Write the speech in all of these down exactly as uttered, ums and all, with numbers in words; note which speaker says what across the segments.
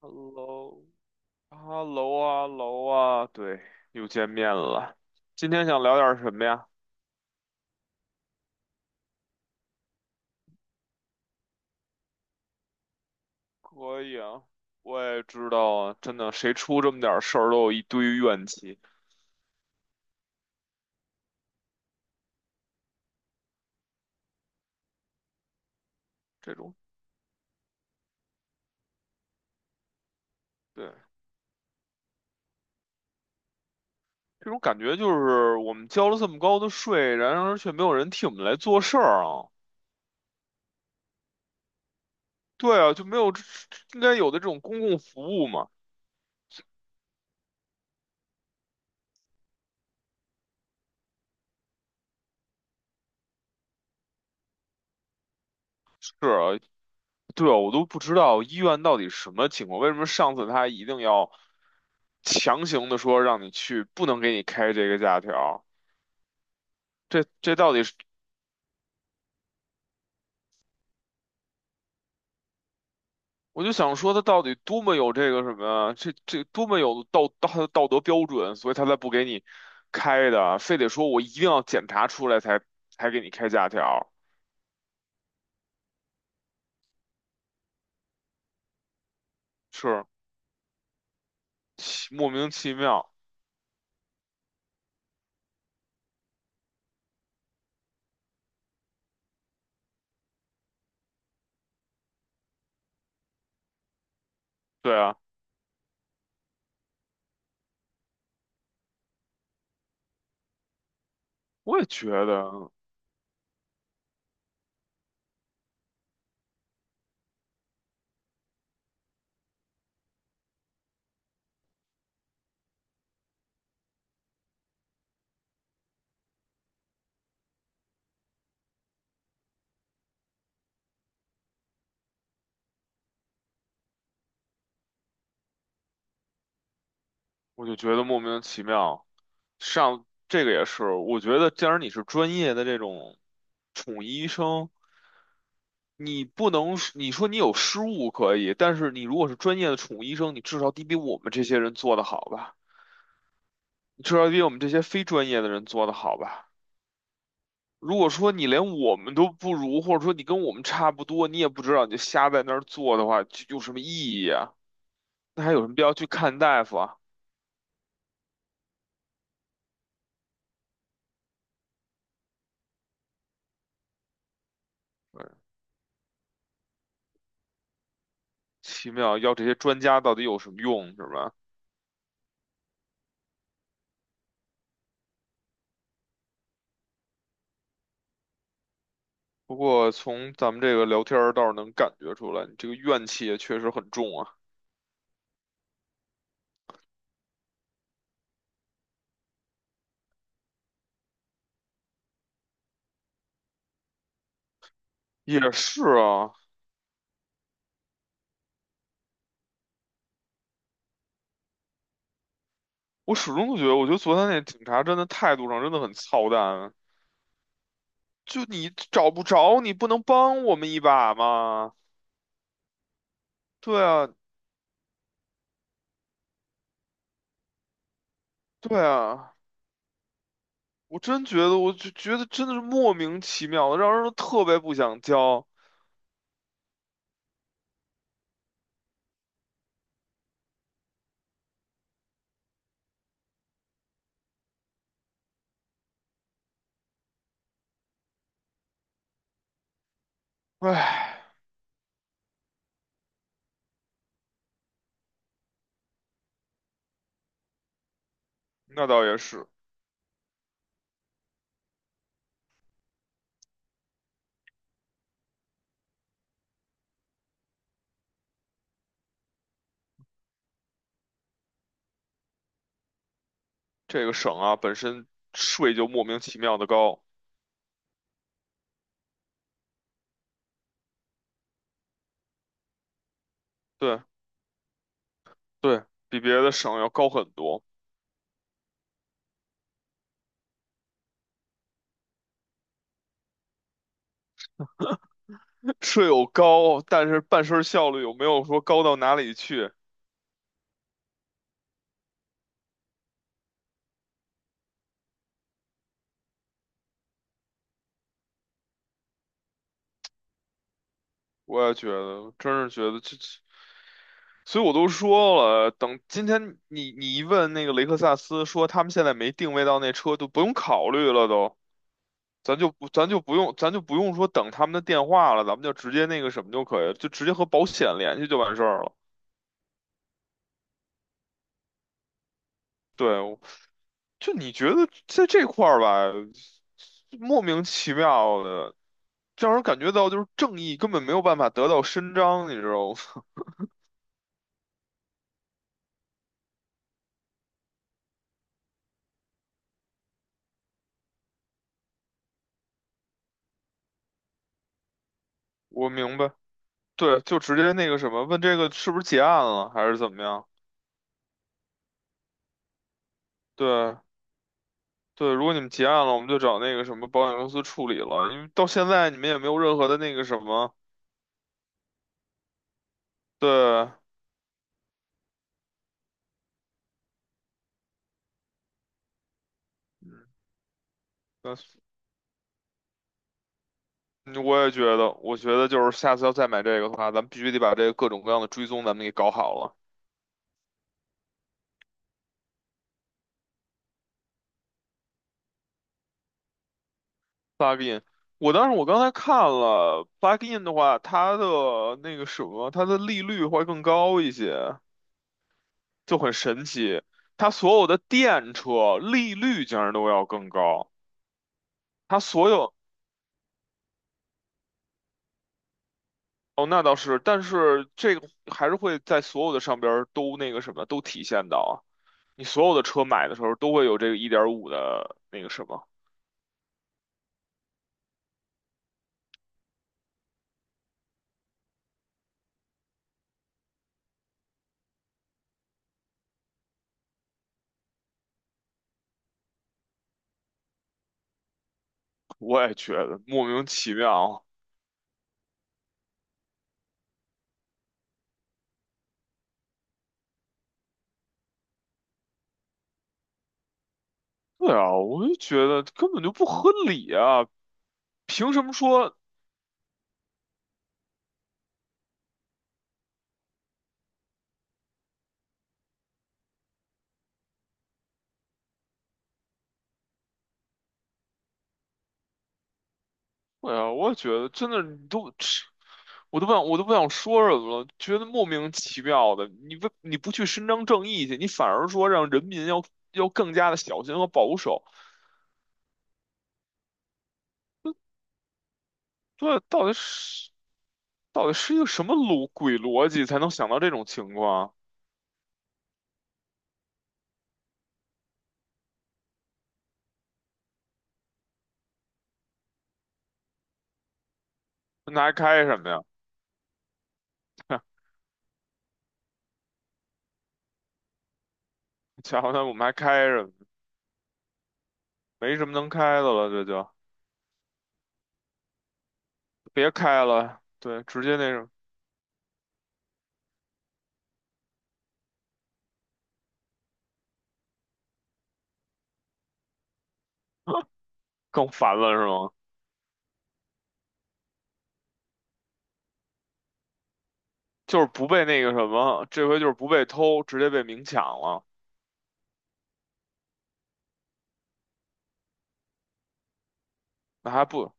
Speaker 1: Hello，h e l l o 啊，喽啊，对，又见面了。今天想聊点什么呀？可以啊，我也知道啊，真的，谁出这么点事儿都有一堆怨气，这种，对，这种感觉就是我们交了这么高的税，然而却没有人替我们来做事儿啊。对啊，就没有这应该有的这种公共服务嘛。是啊，对啊，我都不知道医院到底什么情况，为什么上次他一定要。强行的说让你去，不能给你开这个假条，这这到底是？我就想说，他到底多么有这个什么，这这多么有道道道德标准，所以他才不给你开的，非得说我一定要检查出来才才给你开假条，是奇莫名其妙。对啊，我也觉得，我就觉得莫名其妙。上这个也是，我觉得既然你是专业的这种宠医生。你不能你说你有失误可以，但是你如果是专业的宠物医生，你至少得比我们这些人做得好吧？你至少得比我们这些非专业的人做得好吧？如果说你连我们都不如，或者说你跟我们差不多，你也不知道，你就瞎在那儿做的话，就有什么意义啊？那还有什么必要去看大夫啊？嗯奇妙，要这些专家到底有什么用，是吧？不过从咱们这个聊天儿倒是能感觉出来，你这个怨气也确实很重啊。也是啊，我始终都觉得，我觉得昨天那警察真的态度上真的很操蛋。就你找不着，你不能帮我们一把吗？对啊，对啊，我真觉得，我就觉得真的是莫名其妙的，让人特别不想交。唉，那倒也是，这个省啊本身税就莫名其妙的高，对对，比别的省要高很多。税有高，但是办事儿效率有没有说高到哪里去？我也觉得，真是觉得这这。所以我都说了，等今天你你一问那个雷克萨斯，说他们现在没定位到那车，就不用考虑了都，咱就不咱就不用咱就不用说等他们的电话了，咱们就直接那个什么就可以了就直接和保险联系就完事儿了。对，我就你觉得在这块儿吧，莫名其妙的，让人感觉到就是正义根本没有办法得到伸张，你知道吗？我明白，对，就直接那个什么，问这个是不是结案了，还是怎么样？对。对，如果你们结案了，我们就找那个什么保险公司处理了，因为到现在你们也没有任何的那个什么。对，那嗯我也觉得，我觉得就是下次要再买这个的话，咱们必须得把这个各种各样的追踪咱们给搞好了。Plugin，我当时我刚才看了 Plugin 的话，它的那个什么，它的利率会更高一些，就很神奇。它所有的电车利率竟然都要更高，它所有。哦，那倒是，但是这个还是会在所有的上边儿都那个什么，都体现到啊。你所有的车买的时候都会有这个一点五的那个什么，我也觉得莫名其妙。对啊，我就觉得根本就不合理啊！凭什么说？对呀，我也觉得真的，你都，我都不想，我都不想说什么了，觉得莫名其妙的。你不，你不去伸张正义去，你反而说让人民要要更加的小心和保守。对，到底是到底是一个什么逻鬼逻辑才能想到这种情况？那还开什么呀？瞧瞧，那我们还开什么？没什么能开的了，这就别开了。对，直接那种更烦了是吗？就是不被那个什么，这回就是不被偷，直接被明抢了。那还不，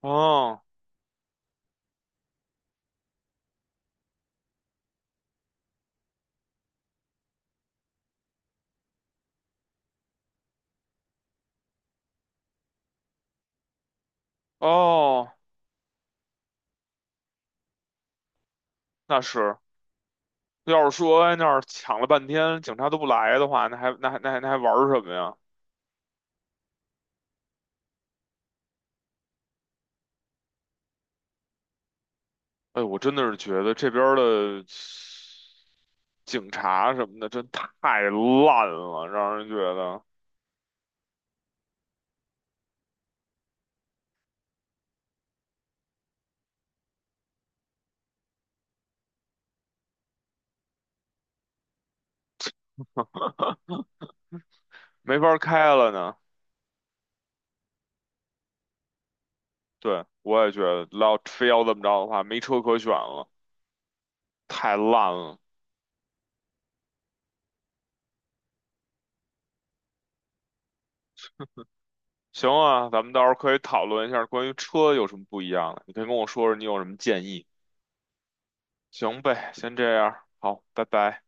Speaker 1: 哦哦，那是。要是说哎那儿抢了半天，警察都不来的话，那还那还那还那还玩儿什么呀？哎，我真的是觉得这边儿的。警察什么的，真太烂了，让人觉得 没法开了呢。对，我也觉得，要非要这么着的话，没车可选了，太烂了。行啊，咱们到时候可以讨论一下关于车有什么不一样的，你可以跟我说说你有什么建议。行呗，先这样，好，拜拜。